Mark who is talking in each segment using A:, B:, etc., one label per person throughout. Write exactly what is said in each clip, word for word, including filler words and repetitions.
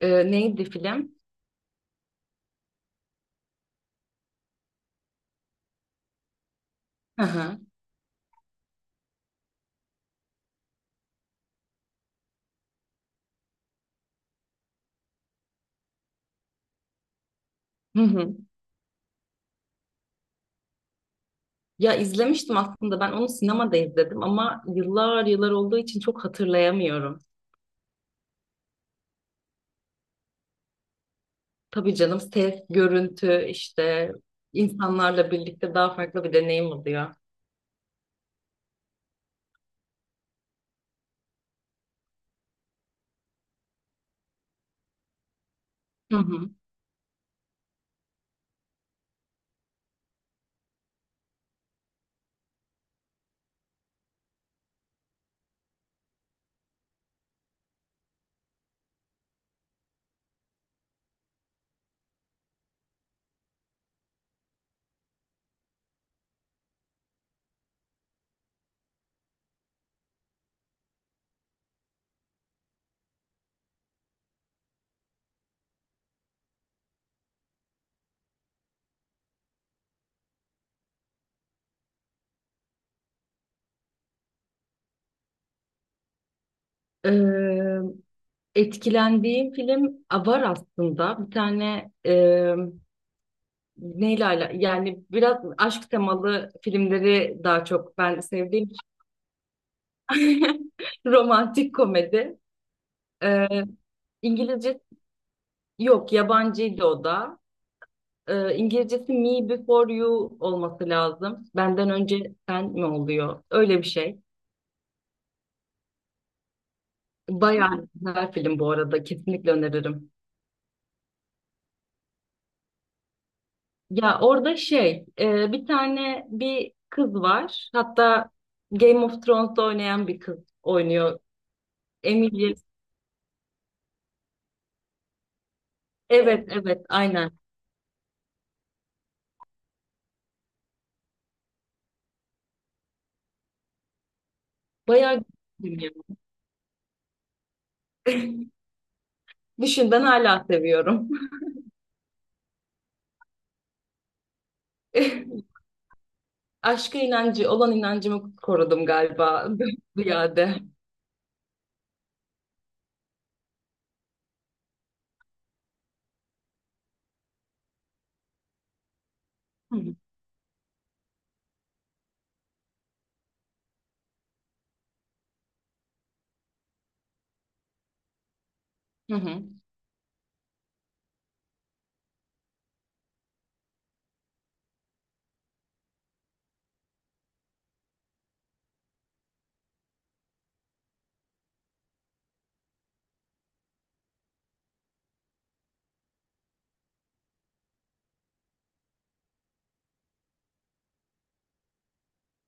A: Eee, neydi film? Hı hı. Hı hı. Ya izlemiştim aslında, ben onu sinemada izledim ama yıllar yıllar olduğu için çok hatırlayamıyorum. Tabii canım, ses, görüntü işte insanlarla birlikte daha farklı bir deneyim oluyor. Hı hı. Eee, Etkilendiğim film a, var aslında. Bir tane eee neyle ala- yani biraz aşk temalı filmleri daha çok ben sevdiğim için. Romantik komedi. Eee İngilizce. Yok, yabancıydı o da. Ee, İngilizcesi Me Before You olması lazım. Benden önce sen mi oluyor? Öyle bir şey. Bayağı güzel film bu arada. Kesinlikle öneririm. Ya orada şey e, bir tane bir kız var. Hatta Game of Thrones'ta oynayan bir kız oynuyor. Emilia. Evet, evet, aynen. Bayağı güzel bir film ya. Düşün, ben hala seviyorum. Aşka inancı olan inancımı korudum galiba ziyade. Hı hı.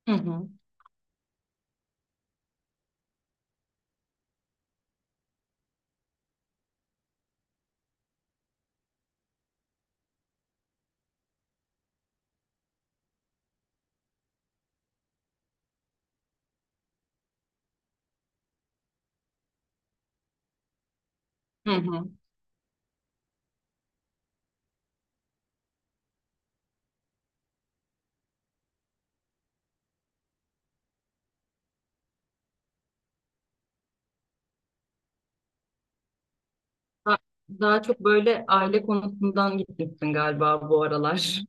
A: Hı hı. Hı hı. Da- Daha çok böyle aile konusundan gitmişsin galiba bu aralar.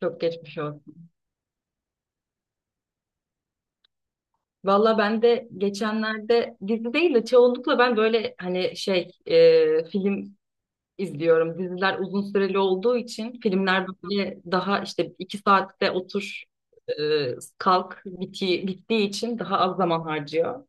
A: Çok geçmiş olsun. Valla ben de geçenlerde dizi değil de çoğunlukla ben böyle hani şey e, film izliyorum. Diziler uzun süreli olduğu için filmler böyle daha işte iki saatte otur e, kalk biti, bittiği için daha az zaman harcıyor.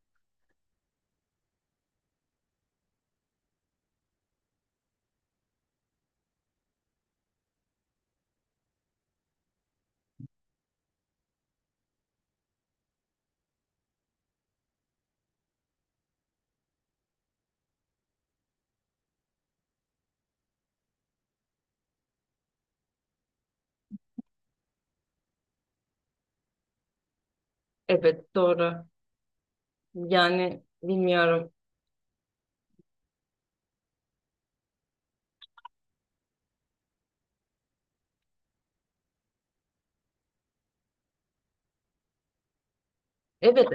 A: Evet, doğru. Yani bilmiyorum. Evet.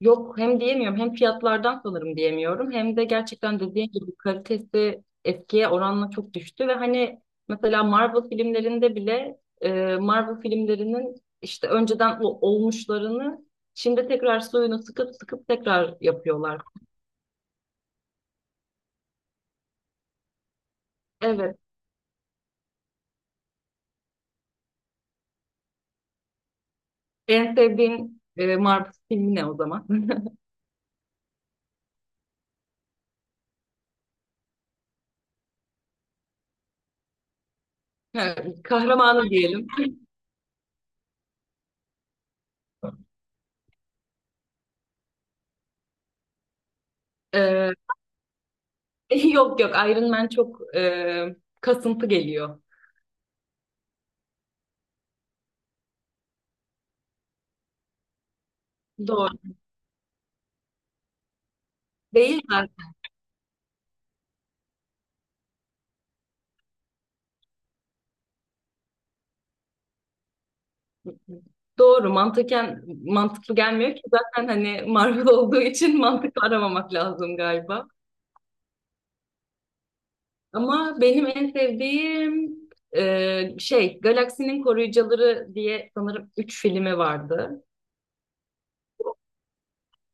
A: Yok, hem diyemiyorum hem fiyatlardan sanırım diyemiyorum, hem de gerçekten dediğin gibi kalitesi eskiye oranla çok düştü. Ve hani mesela Marvel filmlerinde bile e, Marvel filmlerinin işte önceden o- olmuşlarını şimdi tekrar suyunu sıkıp sıkıp tekrar yapıyorlar. Evet, en sevdiğin e, Marvel filmi ne o zaman? Evet, kahramanı diyelim. Ee, yok, yok, Iron Man çok e, kasıntı geliyor. Doğru. Değil de. Doğru, mantıken mantıklı gelmiyor ki zaten, hani Marvel olduğu için mantıklı aramamak lazım galiba. Ama benim en sevdiğim e, şey, Galaksinin Koruyucuları diye sanırım üç filmi vardı.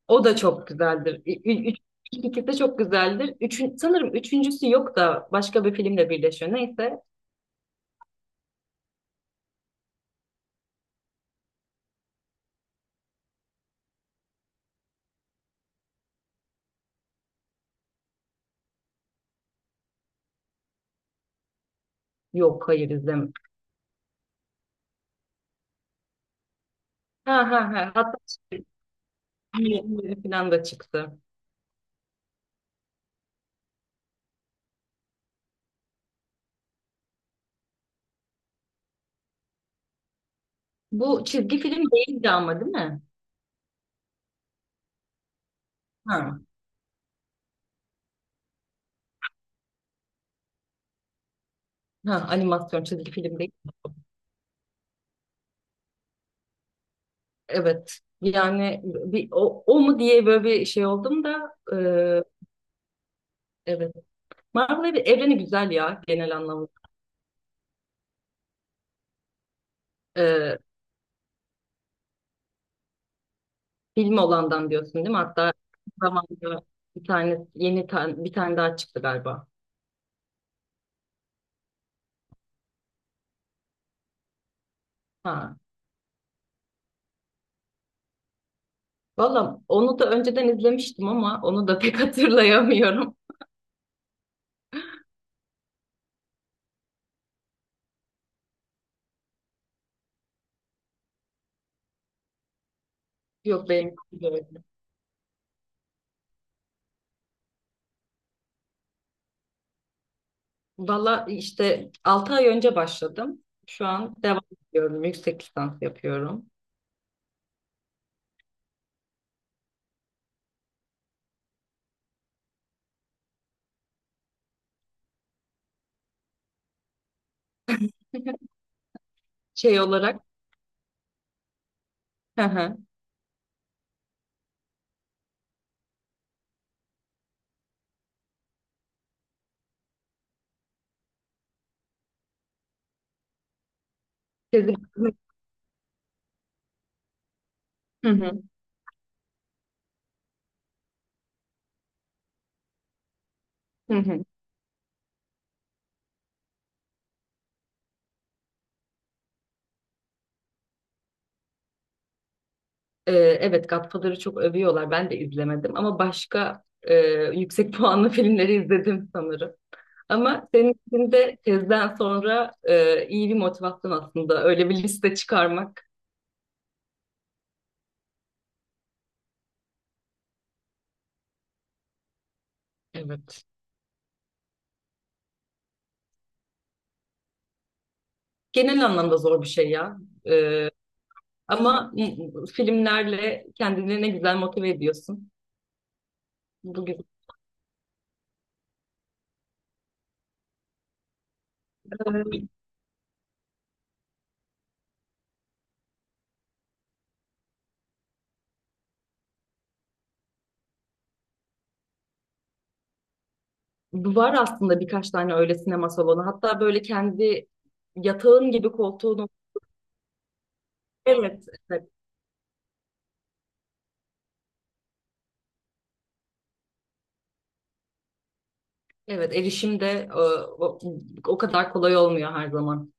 A: O da çok güzeldir. Ü- ü- Üç, ilk ikisi de çok güzeldir. Üçün, sanırım üçüncüsü yok da başka bir filmle birleşiyor. Neyse. Yok, hayır, izlemedim. Ha ha ha. Hatta şey, falan da çıktı. Bu çizgi film değildi ama, değil mi? Ha, ha, animasyon çizgi film değil. Evet. Yani bir, o, o mu diye böyle bir şey oldum da e, evet. Marvel evi- evreni güzel ya genel anlamda. E, Film olandan diyorsun değil mi? Hatta zamanında bir tane yeni tan- bir tane daha çıktı galiba. Ha. Valla onu da önceden izlemiştim ama onu da pek hatırlayamıyorum. Yok benim, böyle. Valla işte altı ay önce başladım. Şu an devam ediyorum. Yüksek lisans yapıyorum. Şey olarak. Hı hı. Sezin Aksu'nun. Hı hı. Hı hı. Ee, evet, Godfather'ı çok övüyorlar. Ben de izlemedim ama başka e, yüksek puanlı filmleri izledim sanırım. Ama senin için de tezden sonra e, iyi bir motivasyon aslında öyle bir liste çıkarmak. Evet. Genel anlamda zor bir şey ya. Ee, ama m- filmlerle kendini ne güzel motive ediyorsun. Bu güzel. Ee, Var aslında birkaç tane öyle sinema salonu. Hatta böyle kendi yatağın gibi koltuğun. Evet, evet, evet. Erişim de e, o, o kadar kolay olmuyor her zaman.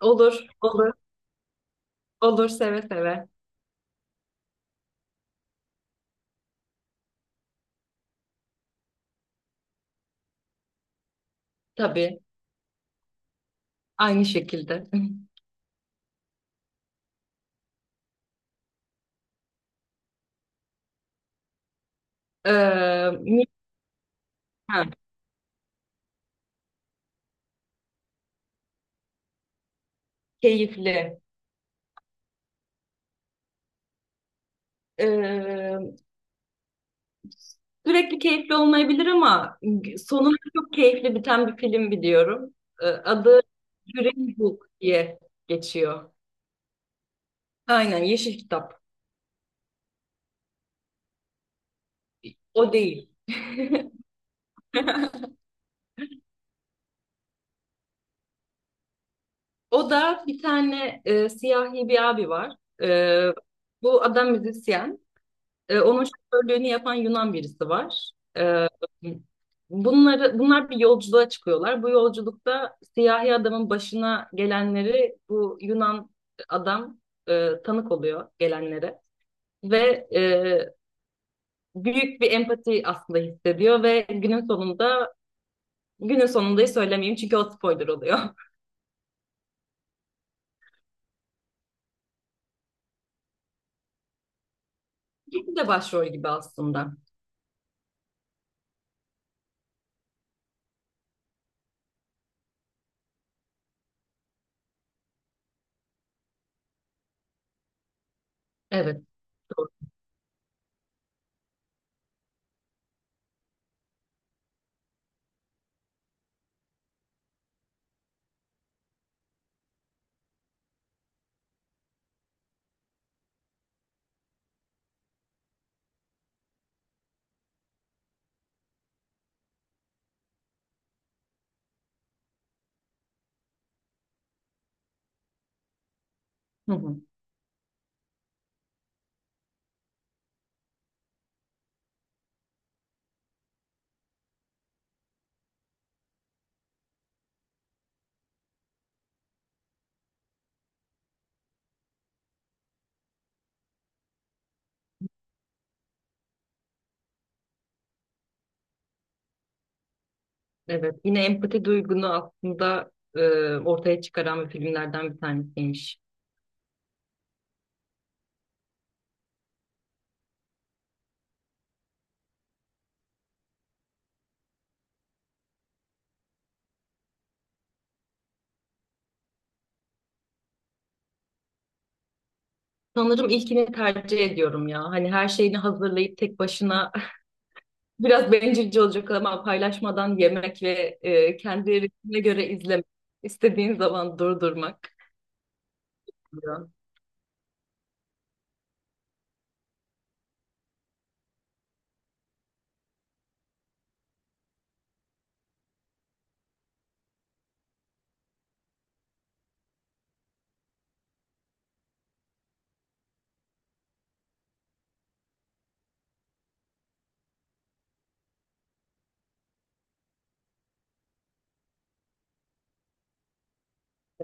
A: Olur, olur, olur, seve seve. Tabii, aynı şekilde. Ee, mi- ha, keyifli. Ee, sürekli keyifli olmayabilir ama sonunda çok keyifli biten bir film biliyorum. Ee, adı Green Book diye geçiyor. Aynen, Yeşil Kitap. O değil. O da bir tane e, siyahi bir abi var. Ee, bu adam müzisyen. E, onun şoförlüğünü yapan Yunan birisi var. E, bunları, bunlar bir yolculuğa çıkıyorlar. Bu yolculukta siyahi adamın başına gelenleri bu Yunan adam e, tanık oluyor gelenlere. Ve e, büyük bir empati aslında hissediyor ve günün sonunda, günün sonundayı söylemeyeyim, çünkü o spoiler oluyor. İkisi de başrol gibi aslında. Evet. Doğru. Hı hı. Evet. Yine empati duygunu aslında e, ortaya çıkaran bir filmlerden bir tanesiymiş. Sanırım ilkini tercih ediyorum ya. Hani her şeyini hazırlayıp tek başına, biraz bencilce olacak ama, paylaşmadan yemek ve e, kendi ritmine göre izlemek. İstediğin zaman durdurmak. Diyor.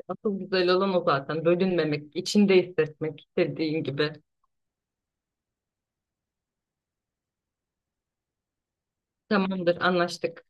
A: Asıl güzel olan o zaten. Bölünmemek, içinde hissetmek istediğin gibi. Tamamdır, anlaştık.